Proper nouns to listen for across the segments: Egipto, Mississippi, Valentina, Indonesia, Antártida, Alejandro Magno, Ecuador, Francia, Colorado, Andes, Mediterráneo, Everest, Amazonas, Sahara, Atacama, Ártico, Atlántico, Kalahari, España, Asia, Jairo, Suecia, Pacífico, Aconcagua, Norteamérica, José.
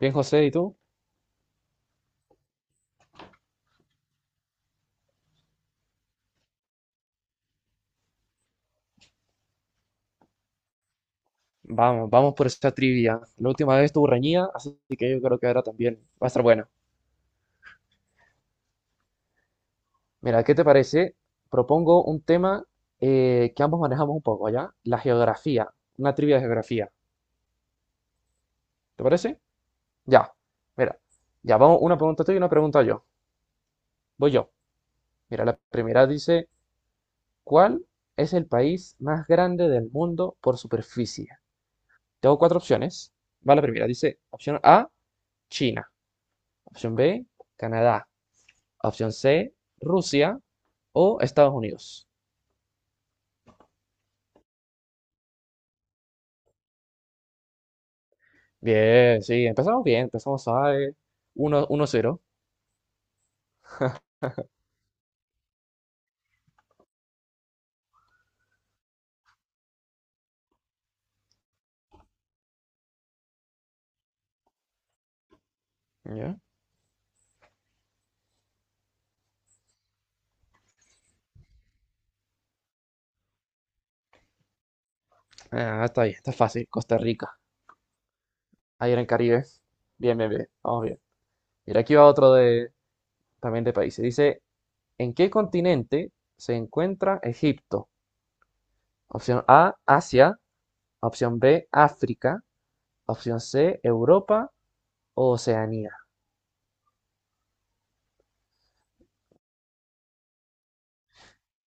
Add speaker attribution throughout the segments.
Speaker 1: Bien, José, ¿y tú? Vamos, vamos por esta trivia. La última vez estuvo reñida, así que yo creo que ahora también va a estar buena. Mira, ¿qué te parece? Propongo un tema que ambos manejamos un poco, ¿ya? La geografía, una trivia de geografía. ¿Te parece? Ya, mira, ya vamos, una pregunta tú y una pregunta yo. Voy yo. Mira, la primera dice, ¿cuál es el país más grande del mundo por superficie? Tengo cuatro opciones. Va la primera, dice opción A, China. Opción B, Canadá. Opción C, Rusia o Estados Unidos. Bien, sí, empezamos bien, empezamos a 1-0. ¿Ya? Ah, está bien, está fácil. Costa Rica, ahí era en Caribe. Bien, bien, bien, vamos bien. Mira, aquí va otro de, también de países. Dice, ¿en qué continente se encuentra Egipto? Opción A, Asia. Opción B, África. Opción C, Europa o Oceanía.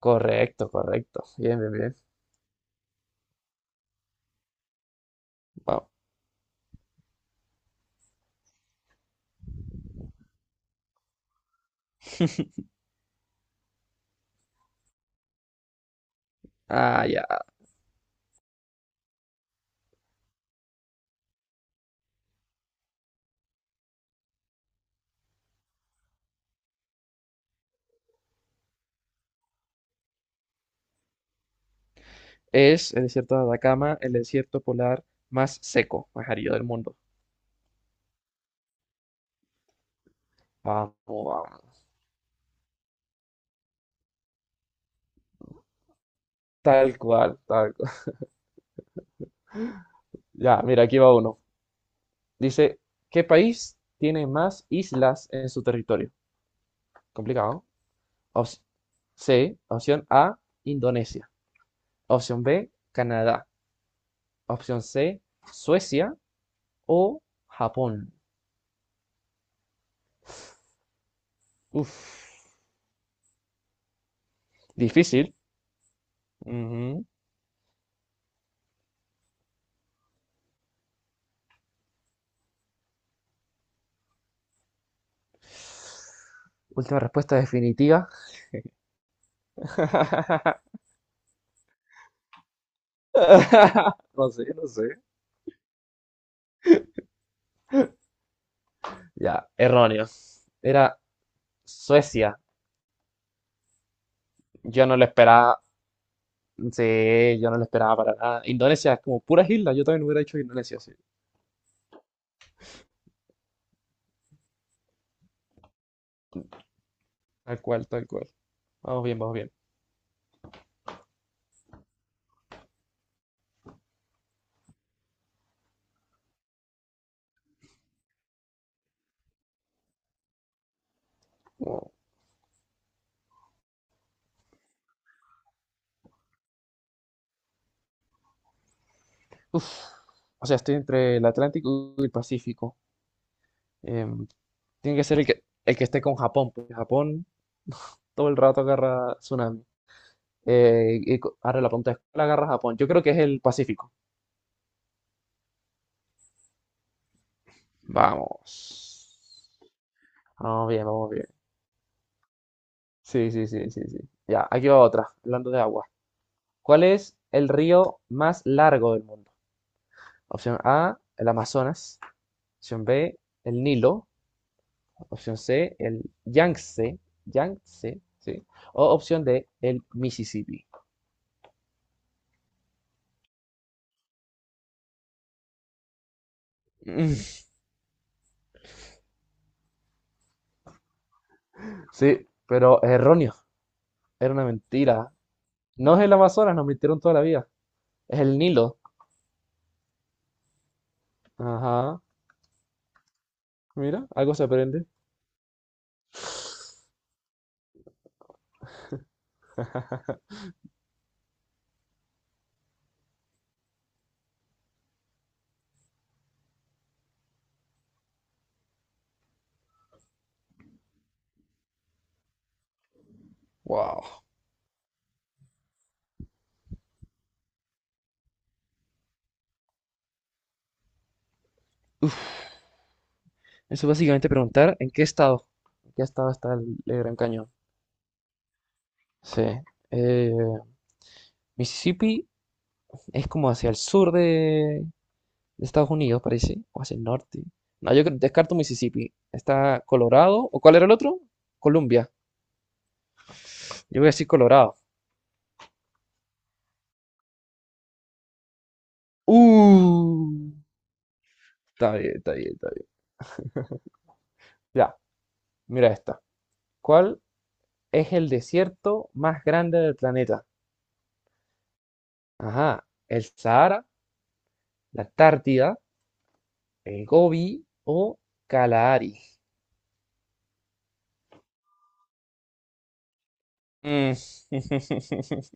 Speaker 1: Correcto, correcto. Bien, bien, bien. Vamos. Ah, ya. Es el desierto de Atacama, el desierto polar más seco, más árido del mundo. Vamos, vamos. Tal cual, tal cual. Ya, mira, aquí va uno. Dice, ¿qué país tiene más islas en su territorio? Complicado. Op- opción A, Indonesia. Opción B, Canadá. Opción C, Suecia o Japón. Uf, difícil. Ujú. Última respuesta definitiva. No sé, no sé. Ya, erróneo. Era Suecia. Yo no lo esperaba. Sí, yo no lo esperaba para nada. Indonesia es como puras islas. Yo también hubiera dicho Indonesia, sí. Tal cual, tal cual. Vamos bien, vamos bien. Oh. Uf. O sea, estoy entre el Atlántico y el Pacífico. Em, tiene que ser el que, esté con Japón, porque Japón todo el rato agarra tsunami. Y ahora la punta de escuela agarra Japón. Yo creo que es el Pacífico. Vamos. Vamos bien, vamos bien. Sí, sí, sí, sí, sí. Ya, aquí va otra, hablando de agua. ¿Cuál es el río más largo del mundo? Opción A, el Amazonas. Opción B, el Nilo. Opción C, el Yangtze. Yangtze, sí. O opción D, el Mississippi. Mm. Sí, pero es erróneo. Era una mentira. No es el Amazonas, nos mintieron toda la vida. Es el Nilo. Ajá. Mira, algo se aprende. Wow. Eso es básicamente preguntar en qué estado está el Gran Cañón. Sí. Eh, Mississippi es como hacia el sur de Estados Unidos, parece, o hacia el norte. No, descarto Mississippi. Está Colorado, ¿o cuál era el otro? Columbia. Yo voy a decir Colorado. Uh, está bien, está bien, está bien. Ya, mira esta. ¿Cuál es el desierto más grande del planeta? Ajá, el Sahara, la Antártida, el Gobi o Kalahari. Mm.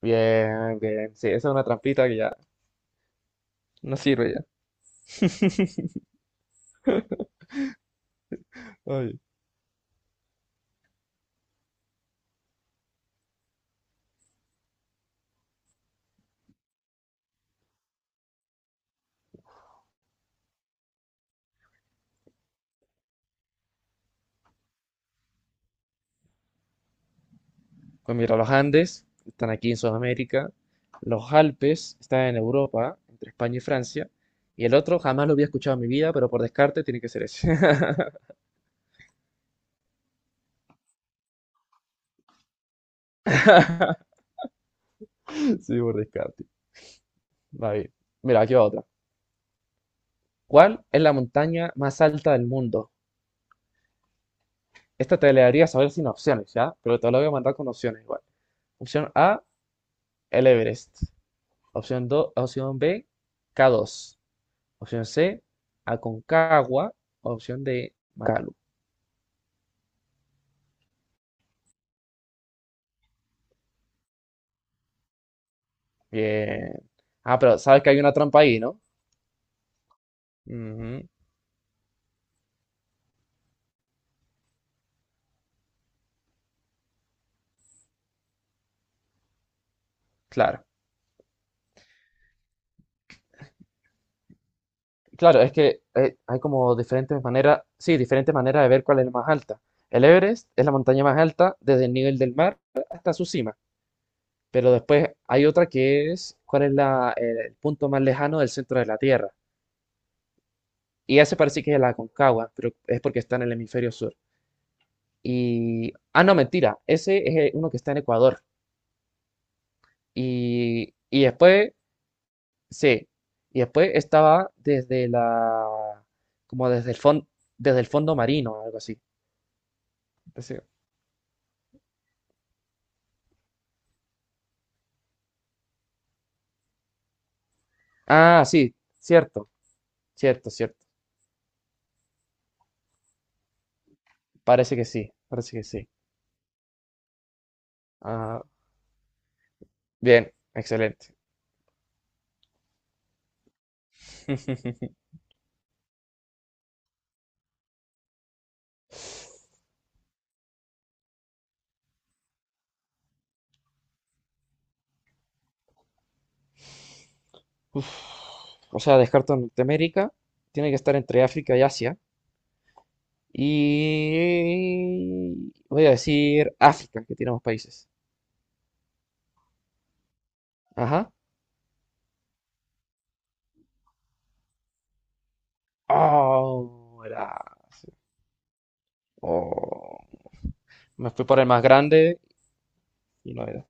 Speaker 1: Bien, bien. Sí, esa es una trampita que ya no sirve ya. Ay. Pues mira, los Andes están aquí en Sudamérica, los Alpes están en Europa, entre España y Francia, y el otro jamás lo había escuchado en mi vida, pero por descarte tiene que ser ese. Sí, por descarte. Va bien. Mira, aquí va otra. ¿Cuál es la montaña más alta del mundo? Esta te la debería saber sin opciones, ¿ya? Pero te la voy a mandar con opciones igual. Opción A, el Everest. Opción B, K2. Opción C, Aconcagua. Opción D, Macalu. Bien. Ah, pero sabes que hay una trampa ahí, ¿no? Ujú. Claro. Claro, es que hay como diferentes maneras, sí, diferentes maneras de ver cuál es la más alta. El Everest es la montaña más alta desde el nivel del mar hasta su cima, pero después hay otra que es cuál es la, el punto más lejano del centro de la Tierra. Y ese parece que es la Aconcagua, pero es porque está en el hemisferio sur. Y, ah, no, mentira, ese es uno que está en Ecuador. Y después, sí, y después estaba desde la, como desde el fondo marino, algo así. Entonces, ah, sí, cierto, cierto, cierto. Parece que sí, parece que sí. Ah, bien, excelente. Uf, o sea, descarto Norteamérica, tiene que estar entre África y Asia. Y voy a decir África, que tiene más países. Ajá. Oh, era. Oh. Me fui por el más grande y no era.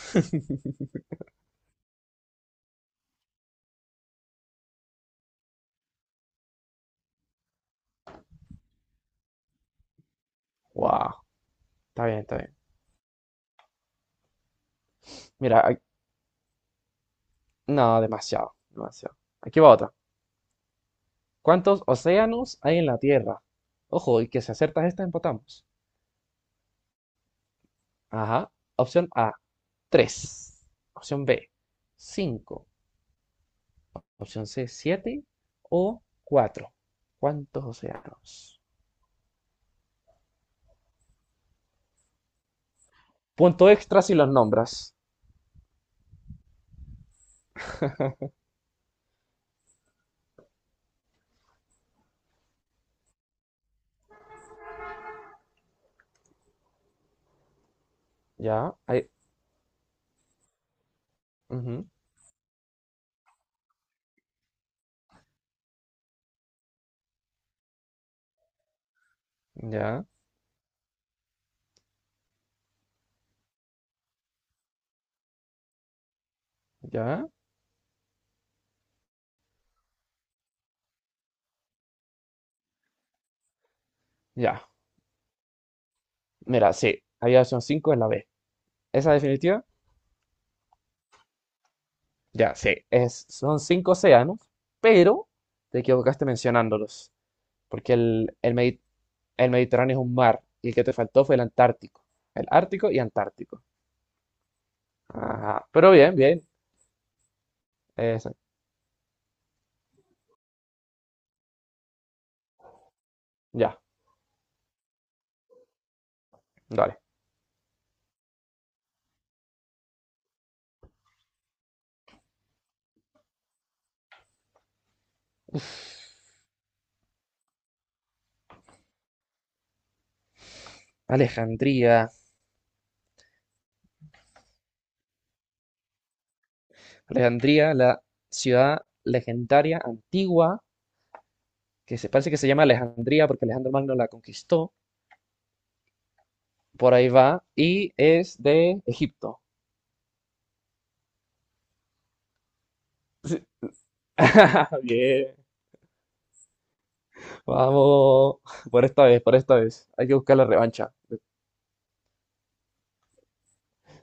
Speaker 1: Wow, está bien, está bien. Mira, no, demasiado, demasiado. Aquí va otra. ¿Cuántos océanos hay en la Tierra? Ojo, y que si acertas esta, empatamos. Ajá. Opción A, tres. Opción B, cinco. Opción C, siete. O cuatro. ¿Cuántos océanos? Punto extra si los nombras. Ya, ujú. Ya, ya, ya. Mira, sí, había opción 5 en la B. ¿Esa definitiva? Ya, sí, es, son cinco océanos, pero te equivocaste mencionándolos, porque el Mediterráneo es un mar y el que te faltó fue el Antártico, el Ártico y Antártico. Ajá, pero bien, bien, eso, ya, dale. Alejandría, Alejandría, la ciudad legendaria antigua, que se parece que se llama Alejandría porque Alejandro Magno la conquistó, por ahí va, y es de Egipto. Bien. Vamos, por esta vez, por esta vez. Hay que buscar la revancha.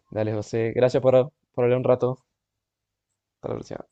Speaker 1: Dale, José. Gracias por hablar un rato. Hasta la próxima.